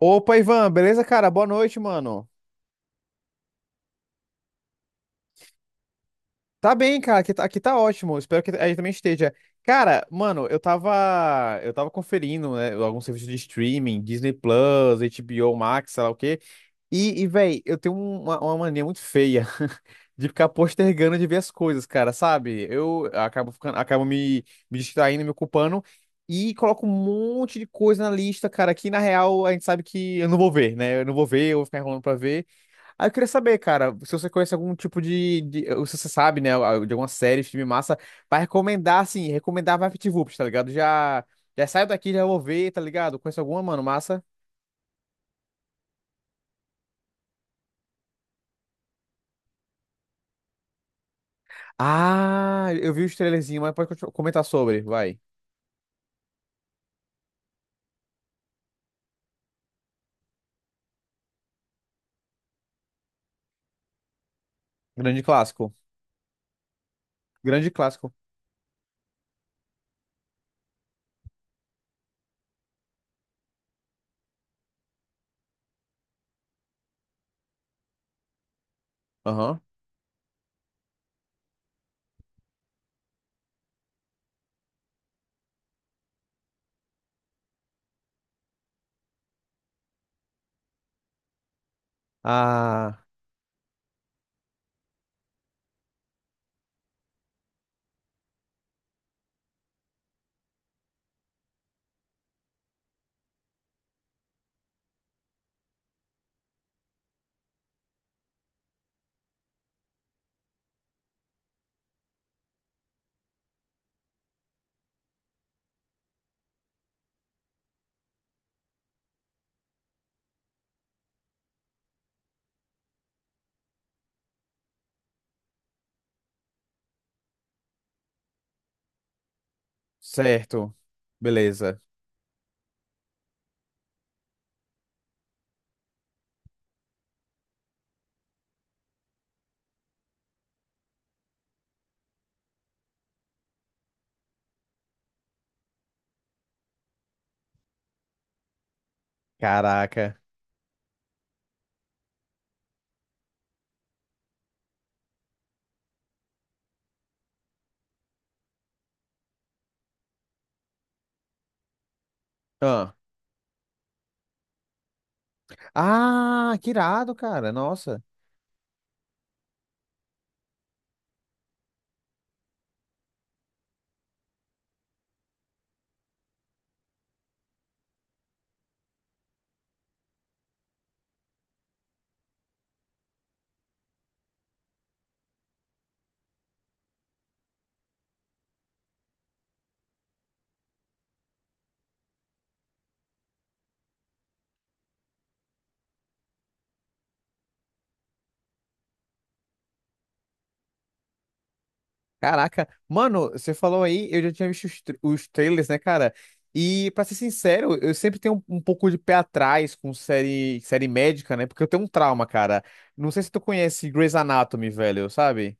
Opa, Ivan, beleza, cara? Boa noite, mano. Tá bem, cara, aqui tá ótimo. Espero que aí também esteja. Cara, mano, eu tava conferindo, né, alguns serviços de streaming, Disney Plus, HBO Max, sei lá o quê. E velho, eu tenho uma mania muito feia de ficar postergando de ver as coisas, cara, sabe? Eu acabo ficando, acabo me distraindo, me ocupando e coloco um monte de coisa na lista, cara, que na real a gente sabe que eu não vou ver, né? Eu não vou ver, eu vou ficar enrolando pra ver. Aí eu queria saber, cara, se você conhece algum tipo ou se você sabe, né, de alguma série, filme massa, pra recomendar, assim, recomendar VaptVups, tá ligado? Já saio daqui, já vou ver, tá ligado? Conhece alguma, mano, massa? Ah, eu vi o trailerzinho, mas pode comentar sobre, vai. Grande clássico. Grande clássico. Aham. Ah, certo. Beleza. Caraca. Ah. Ah, que irado, cara. Nossa. Caraca. Mano, você falou aí, eu já tinha visto os trailers, né, cara? E, pra ser sincero, eu sempre tenho um pouco de pé atrás com série médica, né? Porque eu tenho um trauma, cara. Não sei se tu conhece Grey's Anatomy, velho, sabe?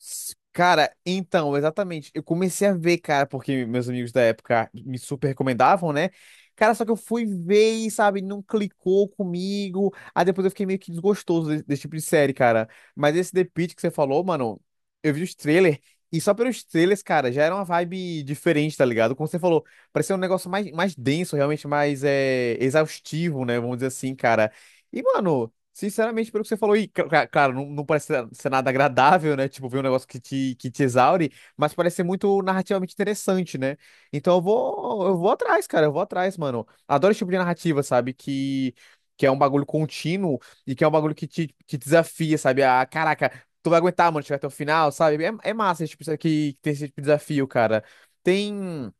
Cara, então, exatamente. Eu comecei a ver, cara, porque meus amigos da época me super recomendavam, né? Cara, só que eu fui ver e, sabe, não clicou comigo. Aí depois eu fiquei meio que desgostoso desse, tipo de série, cara. Mas esse The Pitt que você falou, mano, eu vi os trailers. E só pelos trailers, cara, já era uma vibe diferente, tá ligado? Como você falou, parecia um negócio mais denso, realmente mais exaustivo, né? Vamos dizer assim, cara. E, mano. Sinceramente, pelo que você falou, cara, não parece ser nada agradável, né? Tipo, ver um negócio que te exaure, mas parece ser muito narrativamente interessante, né? Então eu vou atrás, cara, eu vou atrás, mano. Adoro esse tipo de narrativa, sabe? Que é um bagulho contínuo e que é um bagulho que desafia, sabe? Ah, caraca, tu vai aguentar, mano, chegar até o final, sabe? É massa esse tipo, que tem esse tipo de desafio, cara. Tem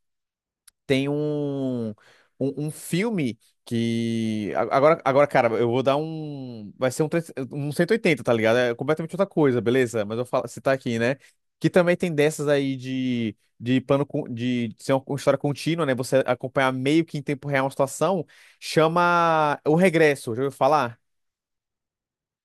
tem um filme que. Agora, cara, eu vou dar um. Vai ser 3 180, tá ligado? É completamente outra coisa, beleza? Mas eu vou falar, citar aqui, né? Que também tem dessas aí de ser uma história contínua, né? Você acompanhar meio que em tempo real uma situação, chama O Regresso, já ouviu falar?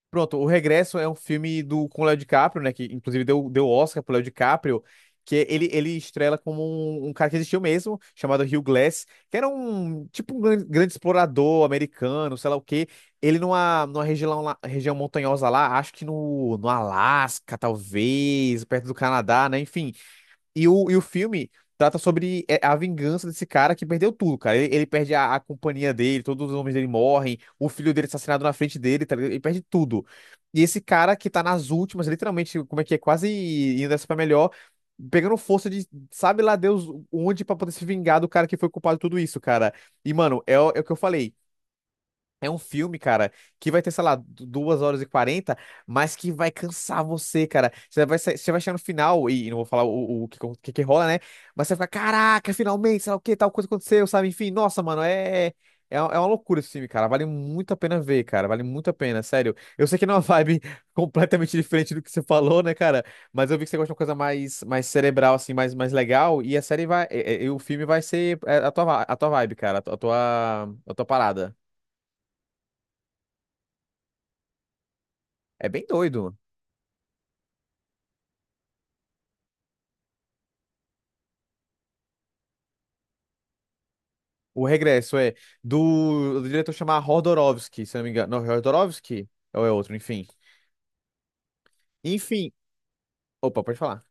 Pronto, O Regresso é um filme com o Léo DiCaprio, né? Que inclusive deu Oscar pro Léo DiCaprio, que ele estrela como um cara que existiu mesmo, chamado Hugh Glass, que era um tipo um grande, grande explorador americano, sei lá o quê. Ele numa região montanhosa lá, acho que no Alasca, talvez, perto do Canadá, né? Enfim. E o filme trata sobre a vingança desse cara que perdeu tudo, cara. Ele perde a companhia dele, todos os homens dele morrem, o filho dele é assassinado na frente dele, tá ligado? Ele perde tudo. E esse cara que tá nas últimas, literalmente, como é que é, quase indo dessa pra melhor, pegando força de sabe lá Deus onde pra poder se vingar do cara que foi culpado de tudo isso, cara. E, mano, é o que eu falei. É um filme, cara, que vai ter, sei lá, 2h40, mas que vai cansar você, cara. Você vai chegar no final, e não vou falar o que que rola, né? Mas você vai ficar, caraca, finalmente, sei lá o que, tal coisa aconteceu, sabe? Enfim, nossa, mano, é uma loucura esse filme, cara. Vale muito a pena ver, cara. Vale muito a pena, sério. Eu sei que não é uma vibe completamente diferente do que você falou, né, cara? Mas eu vi que você gosta de uma coisa mais cerebral, assim, mais legal. E a série vai. E o filme vai ser a tua vibe, cara, a tua parada. É bem doido. O regresso é do diretor chamar Rodorovsky, se eu não me engano. Não, Rodorovsky? Ou é outro, enfim. Enfim. Opa, pode falar.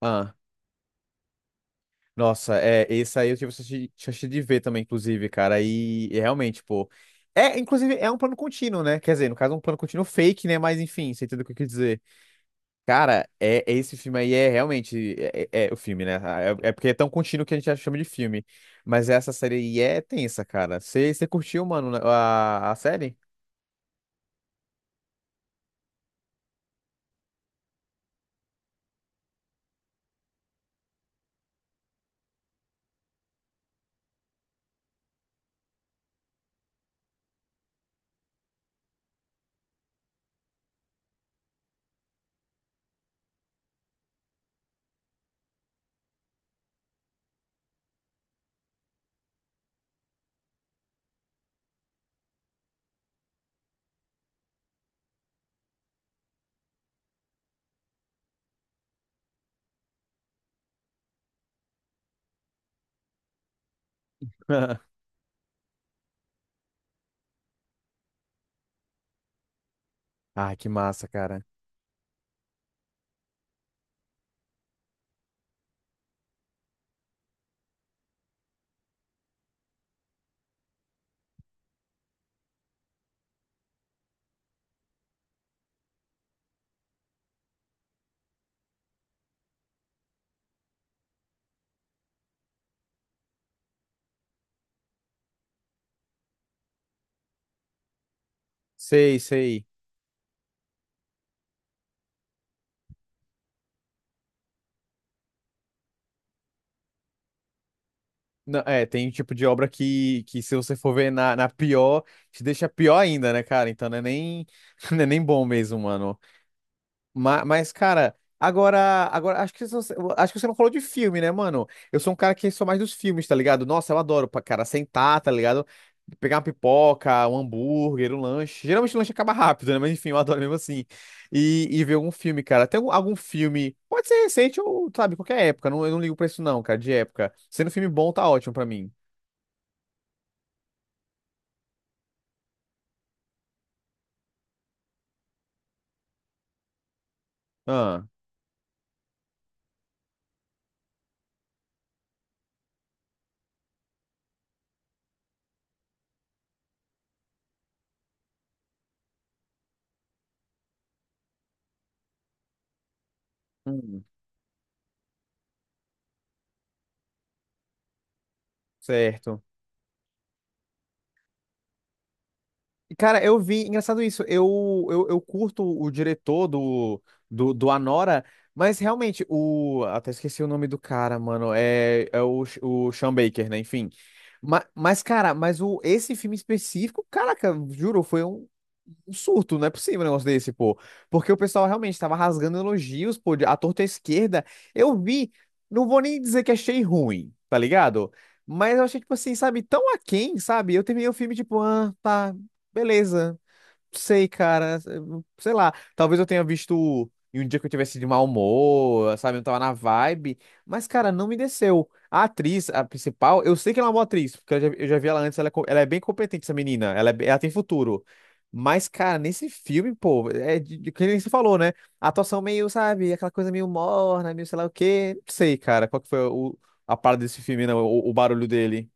Ah, nossa, esse aí eu tive chance de ver também, inclusive, cara. E realmente, pô. É, inclusive, é um plano contínuo, né? Quer dizer, no caso, é um plano contínuo fake, né? Mas enfim, você entendeu o que eu quis dizer. Cara, esse filme aí é realmente. É o filme, né? Ah, é porque é tão contínuo que a gente já chama de filme. Mas essa série aí é tensa, cara. Você curtiu, mano, né, a série? Ah, que massa, cara. Sei, sei. Não, tem um tipo de obra que se você for ver na pior, te deixa pior ainda, né, cara? Então não é nem, não é nem bom mesmo, mano. Mas, cara, agora, agora acho que você não falou de filme, né, mano? Eu sou um cara que sou mais dos filmes, tá ligado? Nossa, eu adoro, cara, sentar, tá ligado? Pegar uma pipoca, um hambúrguer, um lanche. Geralmente o lanche acaba rápido, né? Mas enfim, eu adoro mesmo assim. E ver algum filme, cara. Tem algum filme, pode ser recente ou, sabe, qualquer época. Não, eu não ligo pra isso, não, cara, de época. Sendo filme bom, tá ótimo pra mim. Ah, hum, certo. Cara, eu vi, engraçado isso, eu curto o diretor do, Anora, mas realmente, até esqueci o nome do cara, mano, é o Sean Baker, né, enfim. Mas cara, esse filme específico, caraca, juro, foi um surto, não é possível um negócio desse, pô. Porque o pessoal realmente tava rasgando elogios, pô, à torta à esquerda. Eu vi, não vou nem dizer que achei ruim, tá ligado? Mas eu achei, tipo assim, sabe, tão aquém, sabe? Eu terminei o filme, tipo, ah, tá, beleza sei, cara. Sei lá. Talvez eu tenha visto em um dia que eu tivesse de mau humor, sabe? Eu não tava na vibe. Mas, cara, não me desceu. A atriz, a principal, eu sei que ela é uma boa atriz, porque eu já vi ela antes. Ela é bem competente, essa menina. Ela tem futuro. Mas, cara, nesse filme, pô, é que nem você falou, né? A atuação meio, sabe? Aquela coisa meio morna, meio sei lá o quê. Não sei, cara, qual que foi a parada desse filme, não, o barulho dele.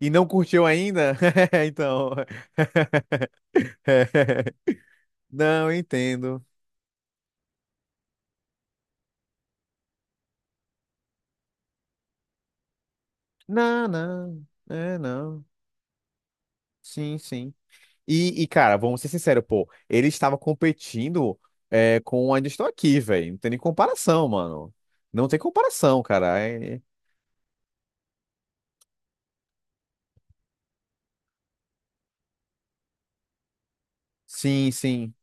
E não curtiu ainda? Então. Não, eu entendo. Não, não. É, não. Sim, sim. E, cara, vamos ser sinceros, pô. Ele estava competindo com a onde estou aqui, velho. Não tem nem comparação, mano. Não tem comparação, cara. Sim, sim.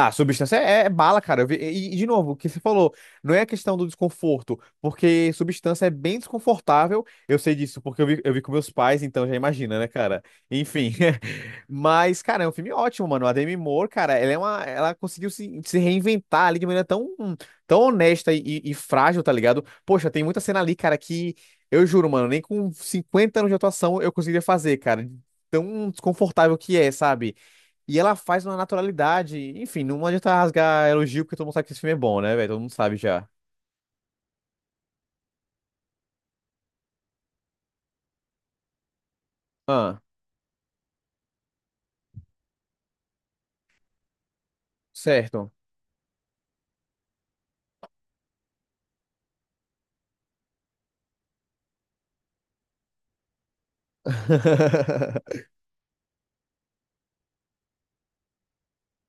Ah, substância é bala, cara. Eu vi- E, e, de novo, o que você falou, não é a questão do desconforto, porque substância é bem desconfortável. Eu sei disso, porque eu vi com meus pais, então já imagina, né, cara? Enfim. Mas, cara, é um filme ótimo, mano. A Demi Moore, cara, ela conseguiu se reinventar ali de maneira tão, tão honesta e frágil, tá ligado? Poxa, tem muita cena ali, cara, que eu juro, mano, nem com 50 anos de atuação eu conseguiria fazer, cara. Tão desconfortável que é, sabe? E ela faz uma naturalidade. Enfim, não adianta rasgar elogio, porque todo mundo sabe que esse filme é bom, né, velho? Todo mundo sabe já. Ah, certo.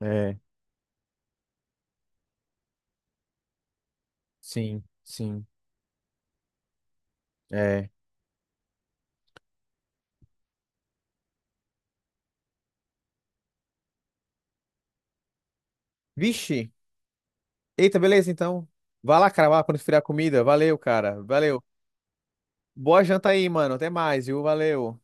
É, sim, sim. É. Vixe. Eita, beleza, então. Vai lá, cara, vai lá quando esfriar a comida. Valeu, cara. Valeu. Boa janta aí, mano. Até mais, viu? Valeu.